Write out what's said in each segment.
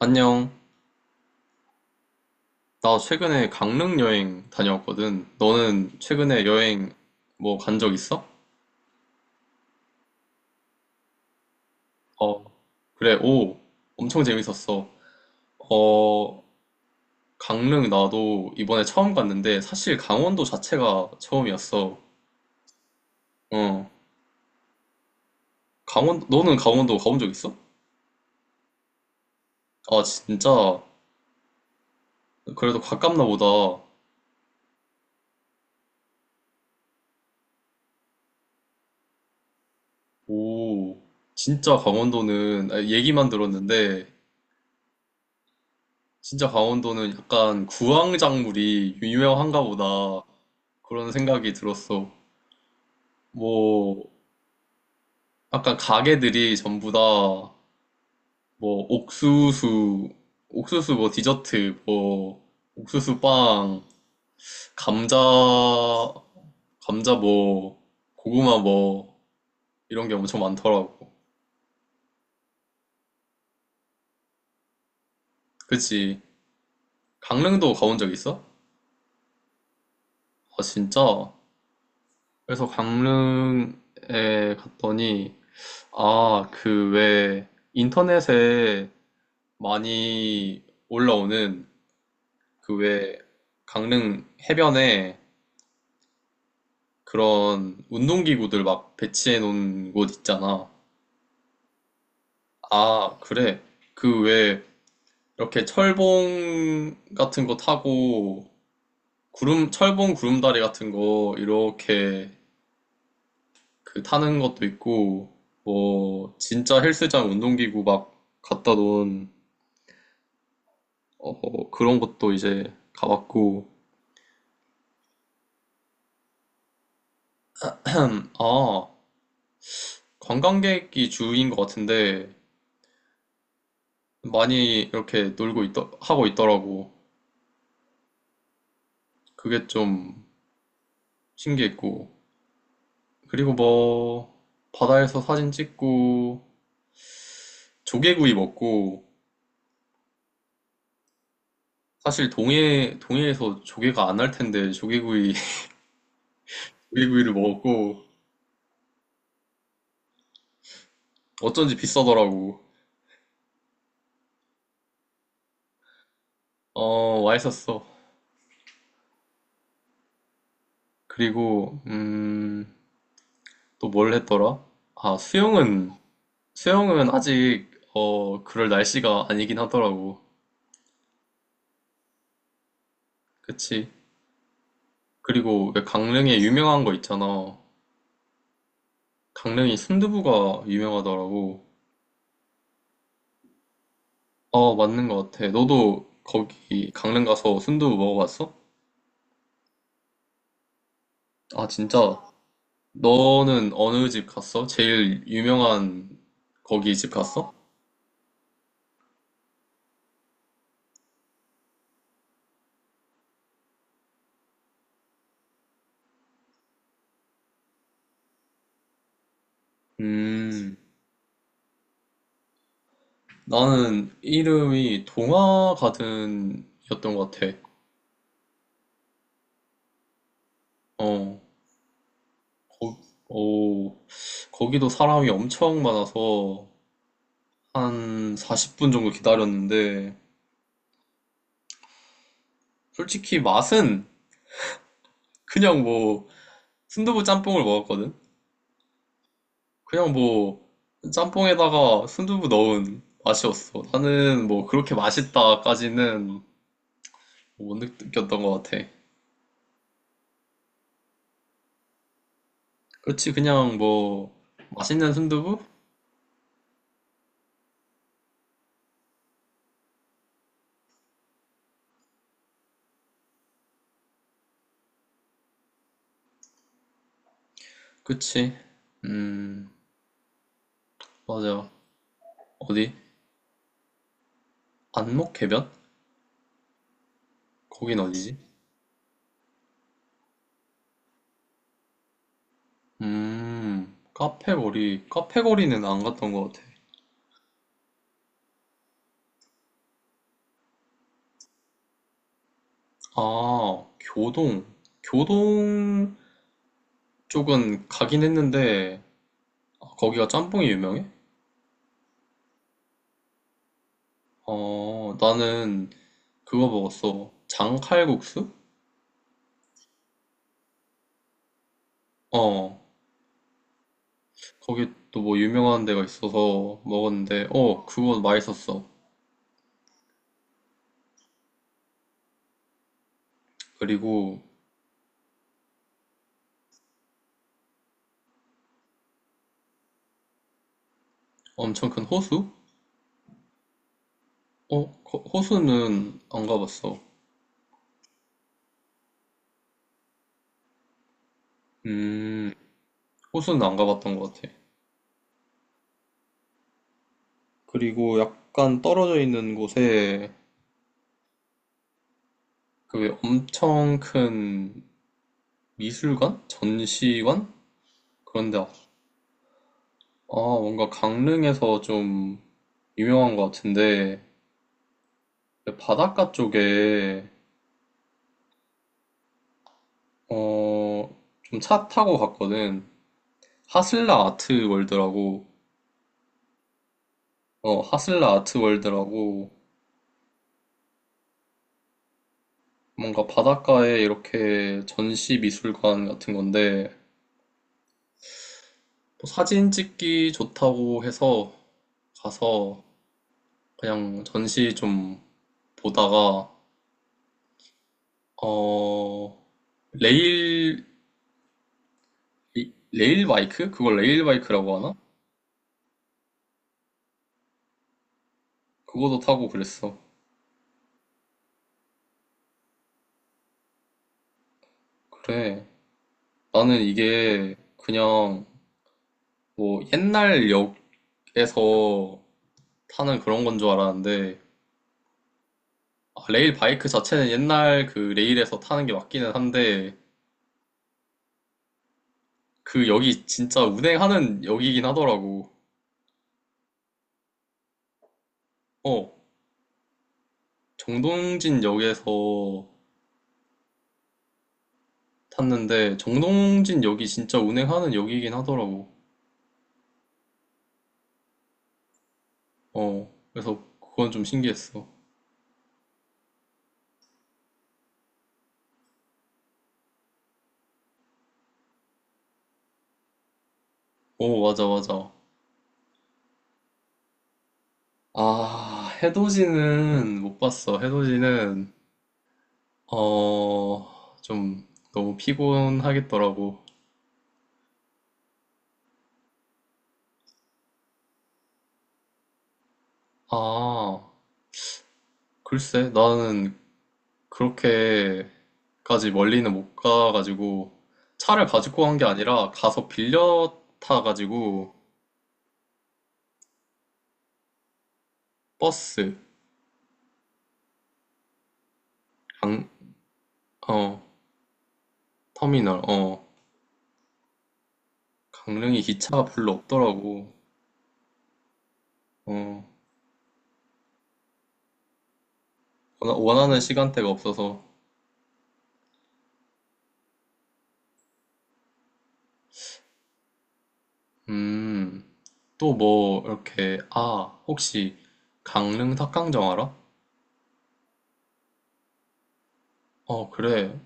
안녕. 나 최근에 강릉 여행 다녀왔거든. 너는 최근에 여행 뭐 간 적 있어? 어, 그래. 오, 엄청 재밌었어. 어, 강릉 나도 이번에 처음 갔는데 사실 강원도 자체가 처음이었어. 어, 너는 강원도 가본 적 있어? 아, 진짜. 그래도 가깝나 보다. 오, 진짜 강원도는 아, 얘기만 들었는데 진짜 강원도는 약간 구황작물이 유명한가 보다 그런 생각이 들었어. 뭐, 약간 가게들이 전부 다, 뭐, 옥수수, 옥수수 뭐 디저트, 뭐, 옥수수 빵, 감자, 감자 뭐, 고구마 뭐, 이런 게 엄청 많더라고. 그치? 강릉도 가본 적 있어? 아, 진짜? 그래서 강릉에 갔더니, 아, 그 왜 인터넷에 많이 올라오는 그 왜 강릉 해변에 그런 운동기구들 막 배치해 놓은 곳 있잖아. 아, 그래. 그 왜 이렇게 철봉 같은 거 타고 철봉 구름다리 같은 거 이렇게 그 타는 것도 있고 뭐 진짜 헬스장 운동기구 막 갖다 놓은 어, 그런 것도 이제 가봤고 아, 관광객이 주인 것 같은데 많이 이렇게 놀고 있 하고 있더라고. 그게 좀 신기했고. 그리고 뭐 바다에서 사진 찍고 조개구이 먹고 사실 동해 동해에서 조개가 안 날 텐데 조개구이 조개구이를 먹었고 어쩐지 비싸더라고. 어, 맛있었어. 그리고 또 뭘 했더라? 아, 수영은 아직 어, 그럴 날씨가 아니긴 하더라고. 그치. 그리고 왜 강릉에 유명한 거 있잖아. 강릉이 순두부가 유명하더라고. 어, 맞는 것 같아. 너도 거기 강릉 가서 순두부 먹어봤어? 아, 진짜. 너는 어느 집 갔어? 제일 유명한 거기 집 갔어? 음, 나는 이름이 동화가든이었던 것 같아. 어, 거, 오, 거기도 사람이 엄청 많아서 한 40분 정도 기다렸는데, 솔직히 맛은 그냥 뭐 순두부 짬뽕을 먹었거든. 그냥 뭐 짬뽕에다가 순두부 넣은 맛이었어. 나는 뭐 그렇게 맛있다까지는 뭐 못 느꼈던 것 같아. 그렇지 그냥 뭐 맛있는 순두부? 그치. 음 맞아. 어디? 안목해변? 거긴 어디지? 카페거리. 카페거리는 안 갔던 것 같아. 아 교동. 교동 쪽은 가긴 했는데. 아, 거기가 짬뽕이 유명해? 어, 나는 그거 먹었어. 장칼국수? 어, 거기 또 뭐 유명한 데가 있어서 먹었는데, 어, 그거 맛있었어. 그리고 엄청 큰 호수? 어, 호수는 안 가봤어. 음, 호수는 안 가봤던 것 같아. 그리고 약간 떨어져 있는 곳에 그 엄청 큰 미술관? 전시관? 그런데, 아, 뭔가 강릉에서 좀 유명한 것 같은데, 바닷가 쪽에 어, 좀 차 타고 갔거든. 하슬라 아트월드라고 하슬라 아트월드라고 뭔가 바닷가에 이렇게 전시 미술관 같은 건데 뭐 사진 찍기 좋다고 해서 가서 그냥 전시 좀 보다가 어, 레일 레일 바이크? 그걸 레일 바이크라고 하나? 그거도 타고 그랬어. 그래. 나는 이게 그냥 뭐 옛날 역에서 타는 그런 건 줄 알았는데 아, 레일 바이크 자체는 옛날 그 레일에서 타는 게 맞기는 한데 그 역이 진짜 운행하는 역이긴 하더라고. 어, 정동진 역에서 탔는데 정동진 역이 진짜 운행하는 역이긴 하더라고. 어, 그래서 그건 좀 신기했어. 오, 맞아, 맞아. 아, 해돋이는 못 봤어. 해돋이는 어, 좀 너무 피곤하겠더라고. 아, 글쎄, 나는 그렇게까지 멀리는 못 가가지고 차를 가지고 간 게 아니라 가서 빌려 타가지고 버스, 강, 어, 터미널, 어, 강릉이 기차가 별로 없더라고. 어, 원하는 시간대가 없어서. 음, 또 뭐, 이렇게, 아, 혹시 강릉 닭강정 알아? 어, 그래.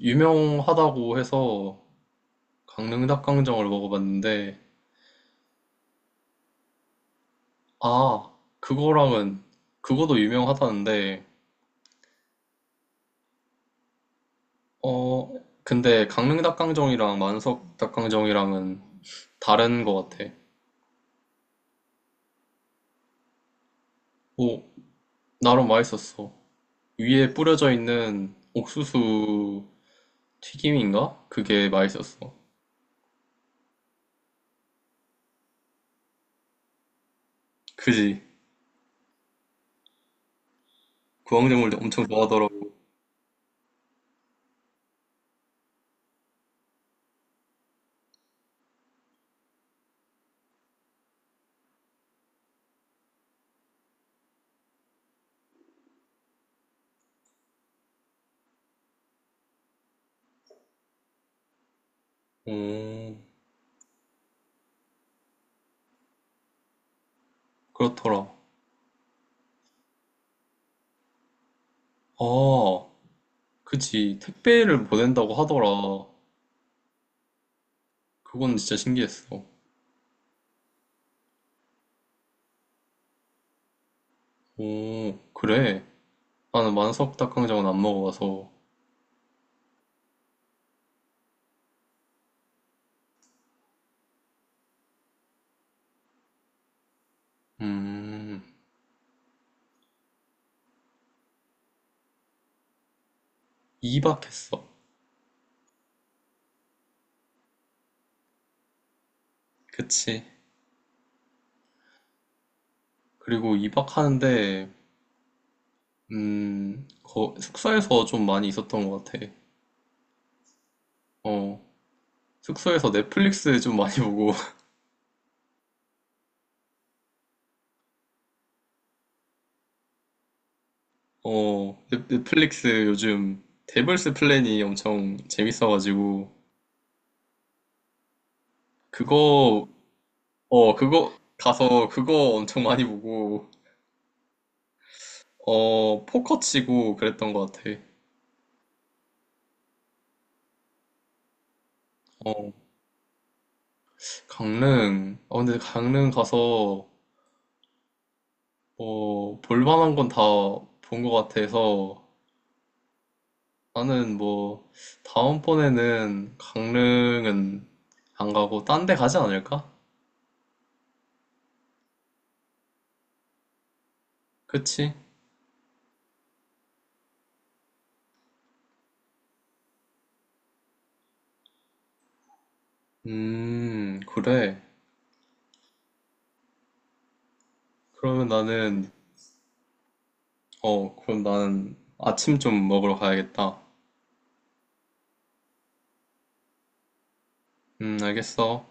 유명하다고 해서 강릉 닭강정을 먹어봤는데 아, 그거도 유명하다는데, 어, 근데 강릉 닭강정이랑 만석 닭강정이랑은 다른 것 같아. 오 나름 맛있었어. 위에 뿌려져 있는 옥수수 튀김인가? 그게 맛있었어. 그지? 구황작물도 엄청 좋아하더라고. 오, 그렇더라. 아, 그지. 택배를 보낸다고 하더라. 그건 진짜 신기했어. 오, 그래. 나는 만석 닭강정은 안 먹어봐서. 음, 이박했어. 그치. 그리고 이박하는데, 숙소에서 좀 많이 있었던 것 같아. 어, 숙소에서 넷플릭스 좀 많이 보고, 어, 넷플릭스 요즘 데블스 플랜이 엄청 재밌어가지고, 그거, 어, 그거 가서 그거 엄청 많이 보고, 어, 포커 치고 그랬던 것 같아. 어, 강릉. 아, 근데 강릉 가서 뭐, 볼만한 건 다 본 것 같아서 나는 뭐, 다음번에는 강릉은 안 가고 딴데 가지 않을까? 그치? 그래. 그러면 나는, 그럼 나는 아침 좀 먹으러 가야겠다. 알겠어.